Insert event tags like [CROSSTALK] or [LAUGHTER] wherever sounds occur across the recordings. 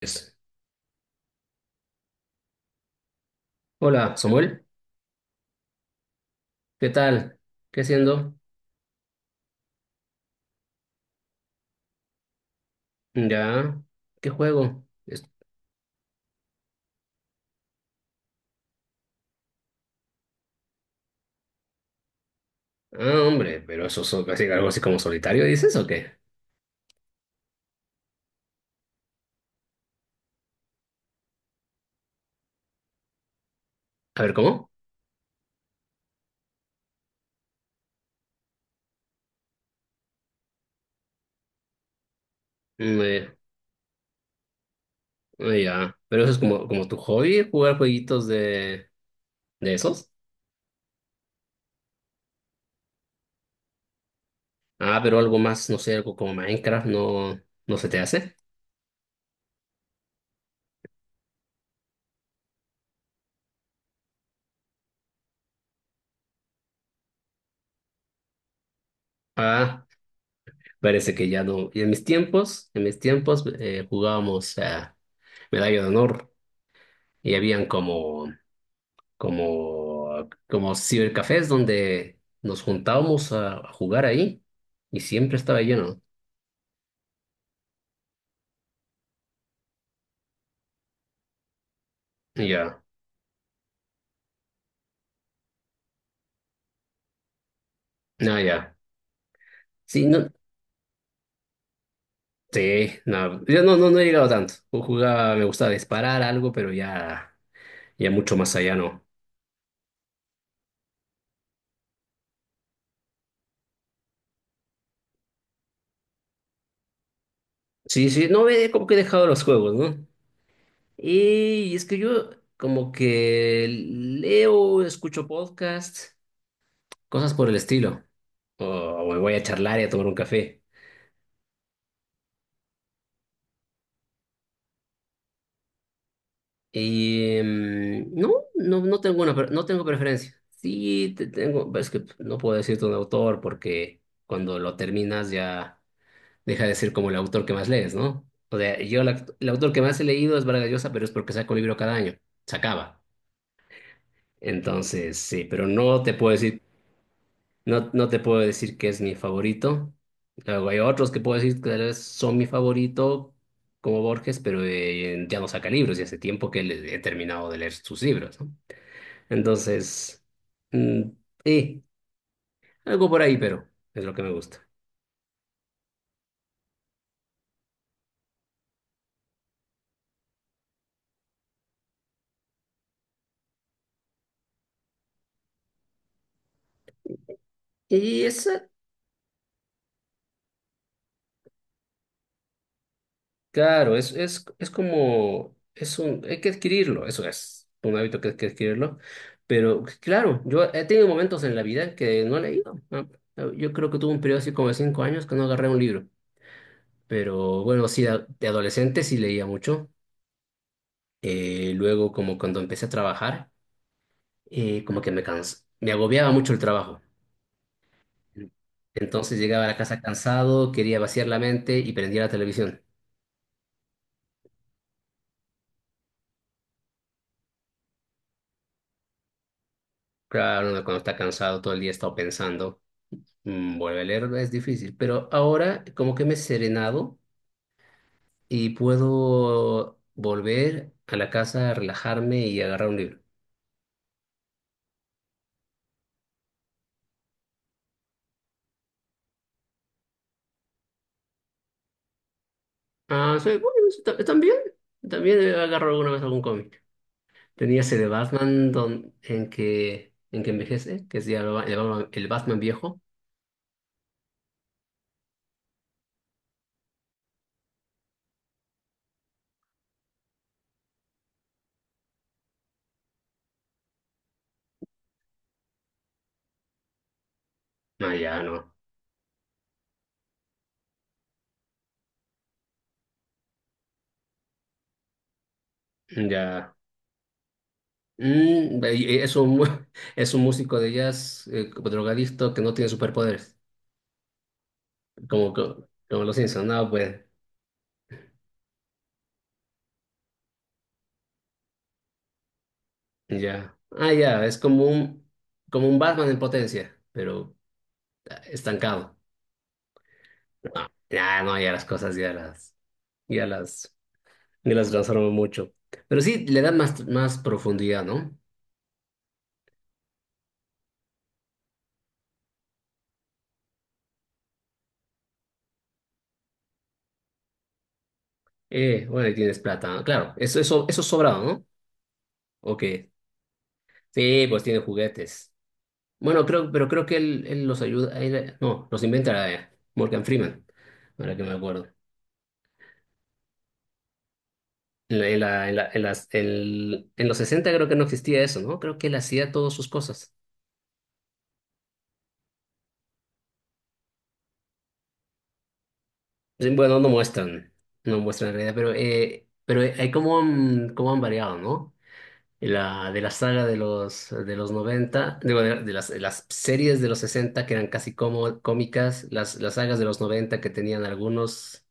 Es- Hola, Samuel. ¿Qué tal? ¿Qué haciendo? Ya. ¿Qué juego? Ah, hombre, pero eso es casi algo así como solitario, ¿dices o qué? A ver, ¿cómo? Mm, eh, ah, ya. Pero eso es como, como tu hobby, jugar jueguitos de esos. Ah, pero algo más, no sé, algo como Minecraft, no se te hace. Ah, parece que ya no. Y en mis tiempos jugábamos a Medalla de Honor y habían como como cibercafés donde nos juntábamos a jugar ahí y siempre estaba lleno. Ya, no, ya. Sí, no, sí, no, yo no he llegado tanto. Yo jugaba, me gustaba disparar algo, pero ya, ya mucho más allá no. Sí, sí, no, como que he dejado los juegos, ¿no? Y es que yo como que leo, escucho podcasts, cosas por el estilo. O me voy a charlar y a tomar un café. No, no tengo una, no tengo preferencia. Sí, te tengo, es que no puedo decirte un autor porque cuando lo terminas ya deja de ser como el autor que más lees, ¿no? O sea, el autor que más he leído es Vargas Llosa, pero es porque saco un libro cada año, se acaba. Entonces, sí, pero no te puedo decir, no, no te puedo decir que es mi favorito. Luego hay otros que puedo decir que tal vez son mi favorito, como Borges, pero ya no saca libros y hace tiempo que he terminado de leer sus libros, ¿no? Entonces, mm, eh, algo por ahí, pero es lo que me gusta. Y esa, claro, es como, hay que adquirirlo, eso es un hábito que hay que adquirirlo. Pero claro, yo he tenido momentos en la vida que no he leído, ¿no? Yo creo que tuve un periodo así como de 5 años que no agarré un libro. Pero bueno, sí, de adolescente sí leía mucho. Luego, como cuando empecé a trabajar, como que me cansé, me agobiaba mucho el trabajo. Entonces llegaba a la casa cansado, quería vaciar la mente y prendía la televisión. Claro, uno cuando está cansado todo el día está pensando, vuelve a leer, es difícil. Pero ahora como que me he serenado y puedo volver a la casa, relajarme y agarrar un libro. Ah, sí, bueno, sí, también agarro alguna vez algún cómic. Tenía ese de Batman en que envejece, que es ya el Batman viejo. No, ya no, ya. Mm, y es un, [LAUGHS] es un músico de jazz como drogadicto que no tiene superpoderes, como, como, los Simpson, no, pues, ya. Ah, ya, es como un Batman en potencia, pero ah, estancado. Ah, ya, no, ya las cosas ya las, ya las transformó mucho. Pero sí, le dan más, más profundidad, ¿no? Bueno, y tienes plata, ¿no? Claro, eso es sobrado, ¿no? Ok, sí, pues tiene juguetes. Bueno, creo, pero creo que él los ayuda, no, los inventa, Morgan Freeman, ahora que me acuerdo. En, la- en, la- en la- en las- el- En los 60 creo que no existía eso, ¿no? Creo que él hacía todas sus cosas. Sí, bueno, no muestran, no muestran en realidad, pero hay cómo han variado, ¿no? De la saga de los 90, digo, de las series de los 60 que eran casi como, cómicas, las sagas de los 90 que tenían algunos.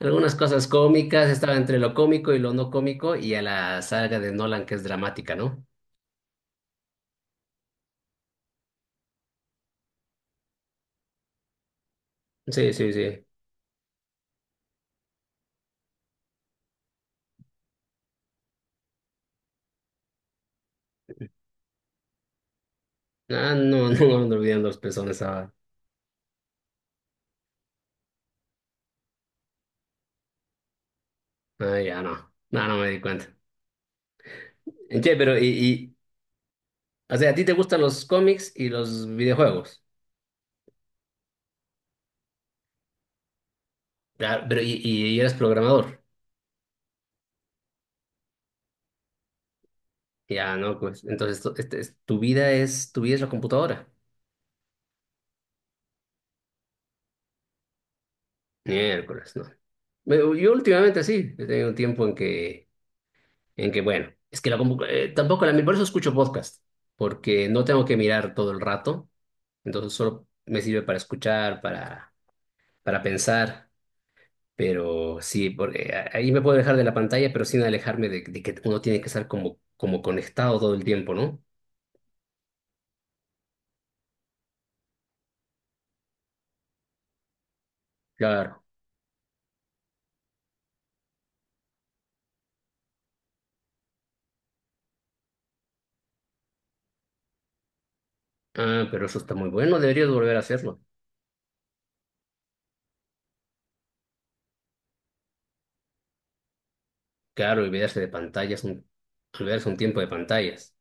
Algunas cosas cómicas, estaba entre lo cómico y lo no cómico, y a la saga de Nolan que es dramática, ¿no? Sí, sí, sí. Ah, no, [LAUGHS] no no olvidando los personas ahora. Ah, ya no. No, no me di cuenta. Che, o sea, ¿a ti te gustan los cómics y los videojuegos? Claro, y eres programador. Ya, no, pues. Entonces, tu, tu vida es la computadora. Miércoles, no. Yo últimamente sí, he tenido un tiempo en que en que, bueno, es que la tampoco la... Por eso escucho podcast, porque no tengo que mirar todo el rato, entonces solo me sirve para escuchar, para pensar, pero sí, porque ahí me puedo dejar de la pantalla, pero sin alejarme de que uno tiene que estar como, como conectado todo el tiempo, ¿no? Claro. Ah, pero eso está muy bueno, deberías volver a hacerlo. Claro, olvidarse de pantallas, un, olvidarse un tiempo de pantallas.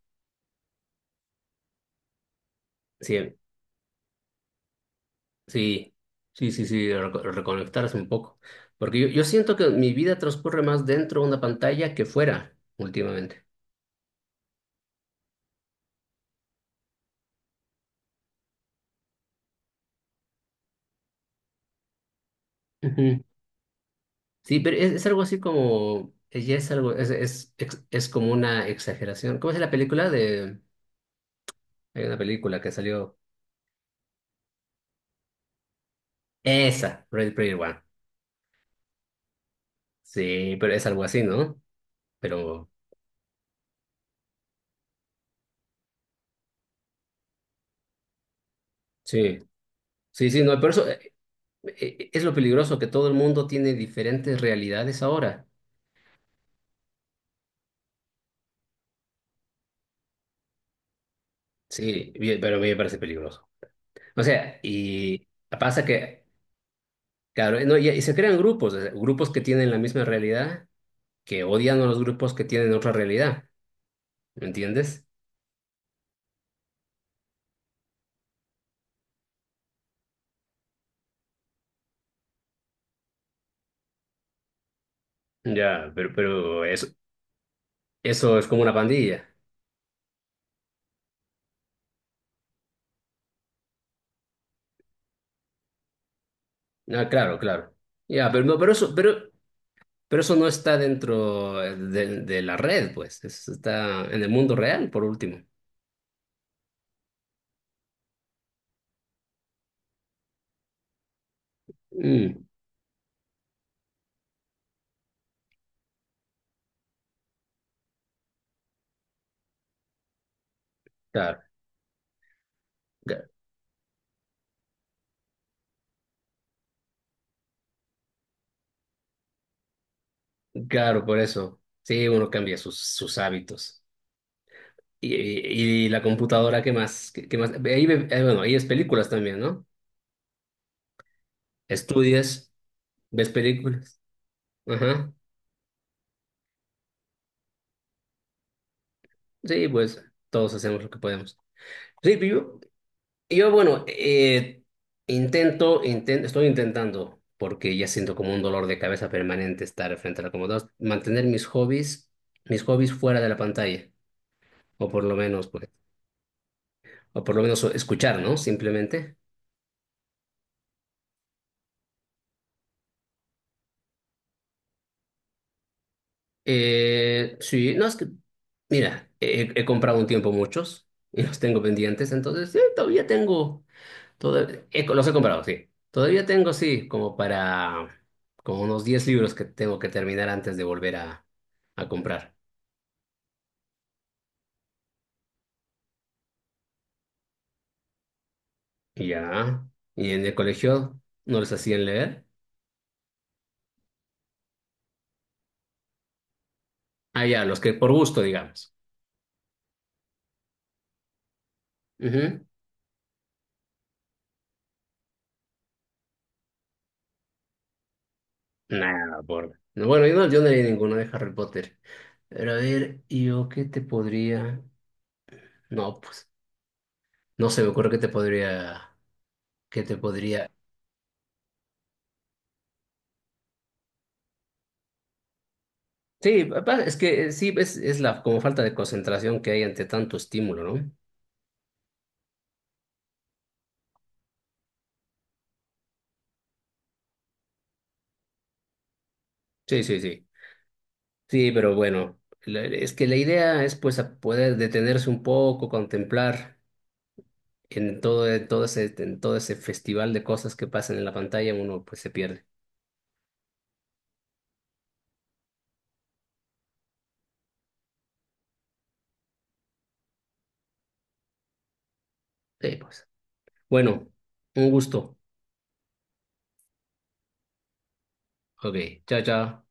Sí, sí, sí, sí, sí, reconectarse un poco. Porque yo siento que mi vida transcurre más dentro de una pantalla que fuera últimamente. Ujú. Sí, pero es algo así como, ya es algo, es como una exageración. ¿Cómo es la película de, hay una película que salió, esa, Ready Player One. Sí, pero es algo así, ¿no? Pero sí, sí, sí, no, pero eso es lo peligroso, que todo el mundo tiene diferentes realidades ahora. Sí, bien, pero a mí me parece peligroso. O sea, y pasa que, claro, no, y se crean grupos, o sea, grupos que tienen la misma realidad, que odian a los grupos que tienen otra realidad, ¿me entiendes? Ya, eso es como una pandilla. Ah, claro, claro. Ya, pero, no, pero eso no está dentro de la red, pues, eso está en el mundo real, por último. Mm, claro, ca- claro, por eso. Sí, uno cambia sus, sus hábitos. La computadora, ¿qué más? ¿Qué, qué más? Ahí, bueno, ahí es películas también, ¿no? Estudias, ves películas. Ajá. Sí, pues todos hacemos lo que podemos. Sí, yo bueno, intento, estoy intentando, porque ya siento como un dolor de cabeza permanente estar frente a la computadora, mantener mis hobbies fuera de la pantalla, o por lo menos, pues, o por lo menos escuchar, ¿no? Simplemente. Sí, no es que, mira, he comprado un tiempo muchos y los tengo pendientes, entonces todavía tengo, los he comprado, sí. Todavía tengo, sí, como para, como unos 10 libros que tengo que terminar antes de volver a comprar. Y ya, y en el colegio no les hacían leer. Ah, ya, los que por gusto, digamos. Ujú. Nada, por... no, bueno, yo no, yo no leí ninguno de Harry Potter. Pero a ver, ¿yo qué te podría...? No, pues... No se me ocurre que te podría, que te podría. Sí, es que sí, es la como falta de concentración que hay ante tanto estímulo, ¿no? Sí, sí, sí. Sí, pero bueno, es que la idea es pues a poder detenerse un poco, contemplar en todo ese festival de cosas que pasan en la pantalla, uno pues se pierde. Sí, pues. Bueno, un gusto. Ok, chao, chao.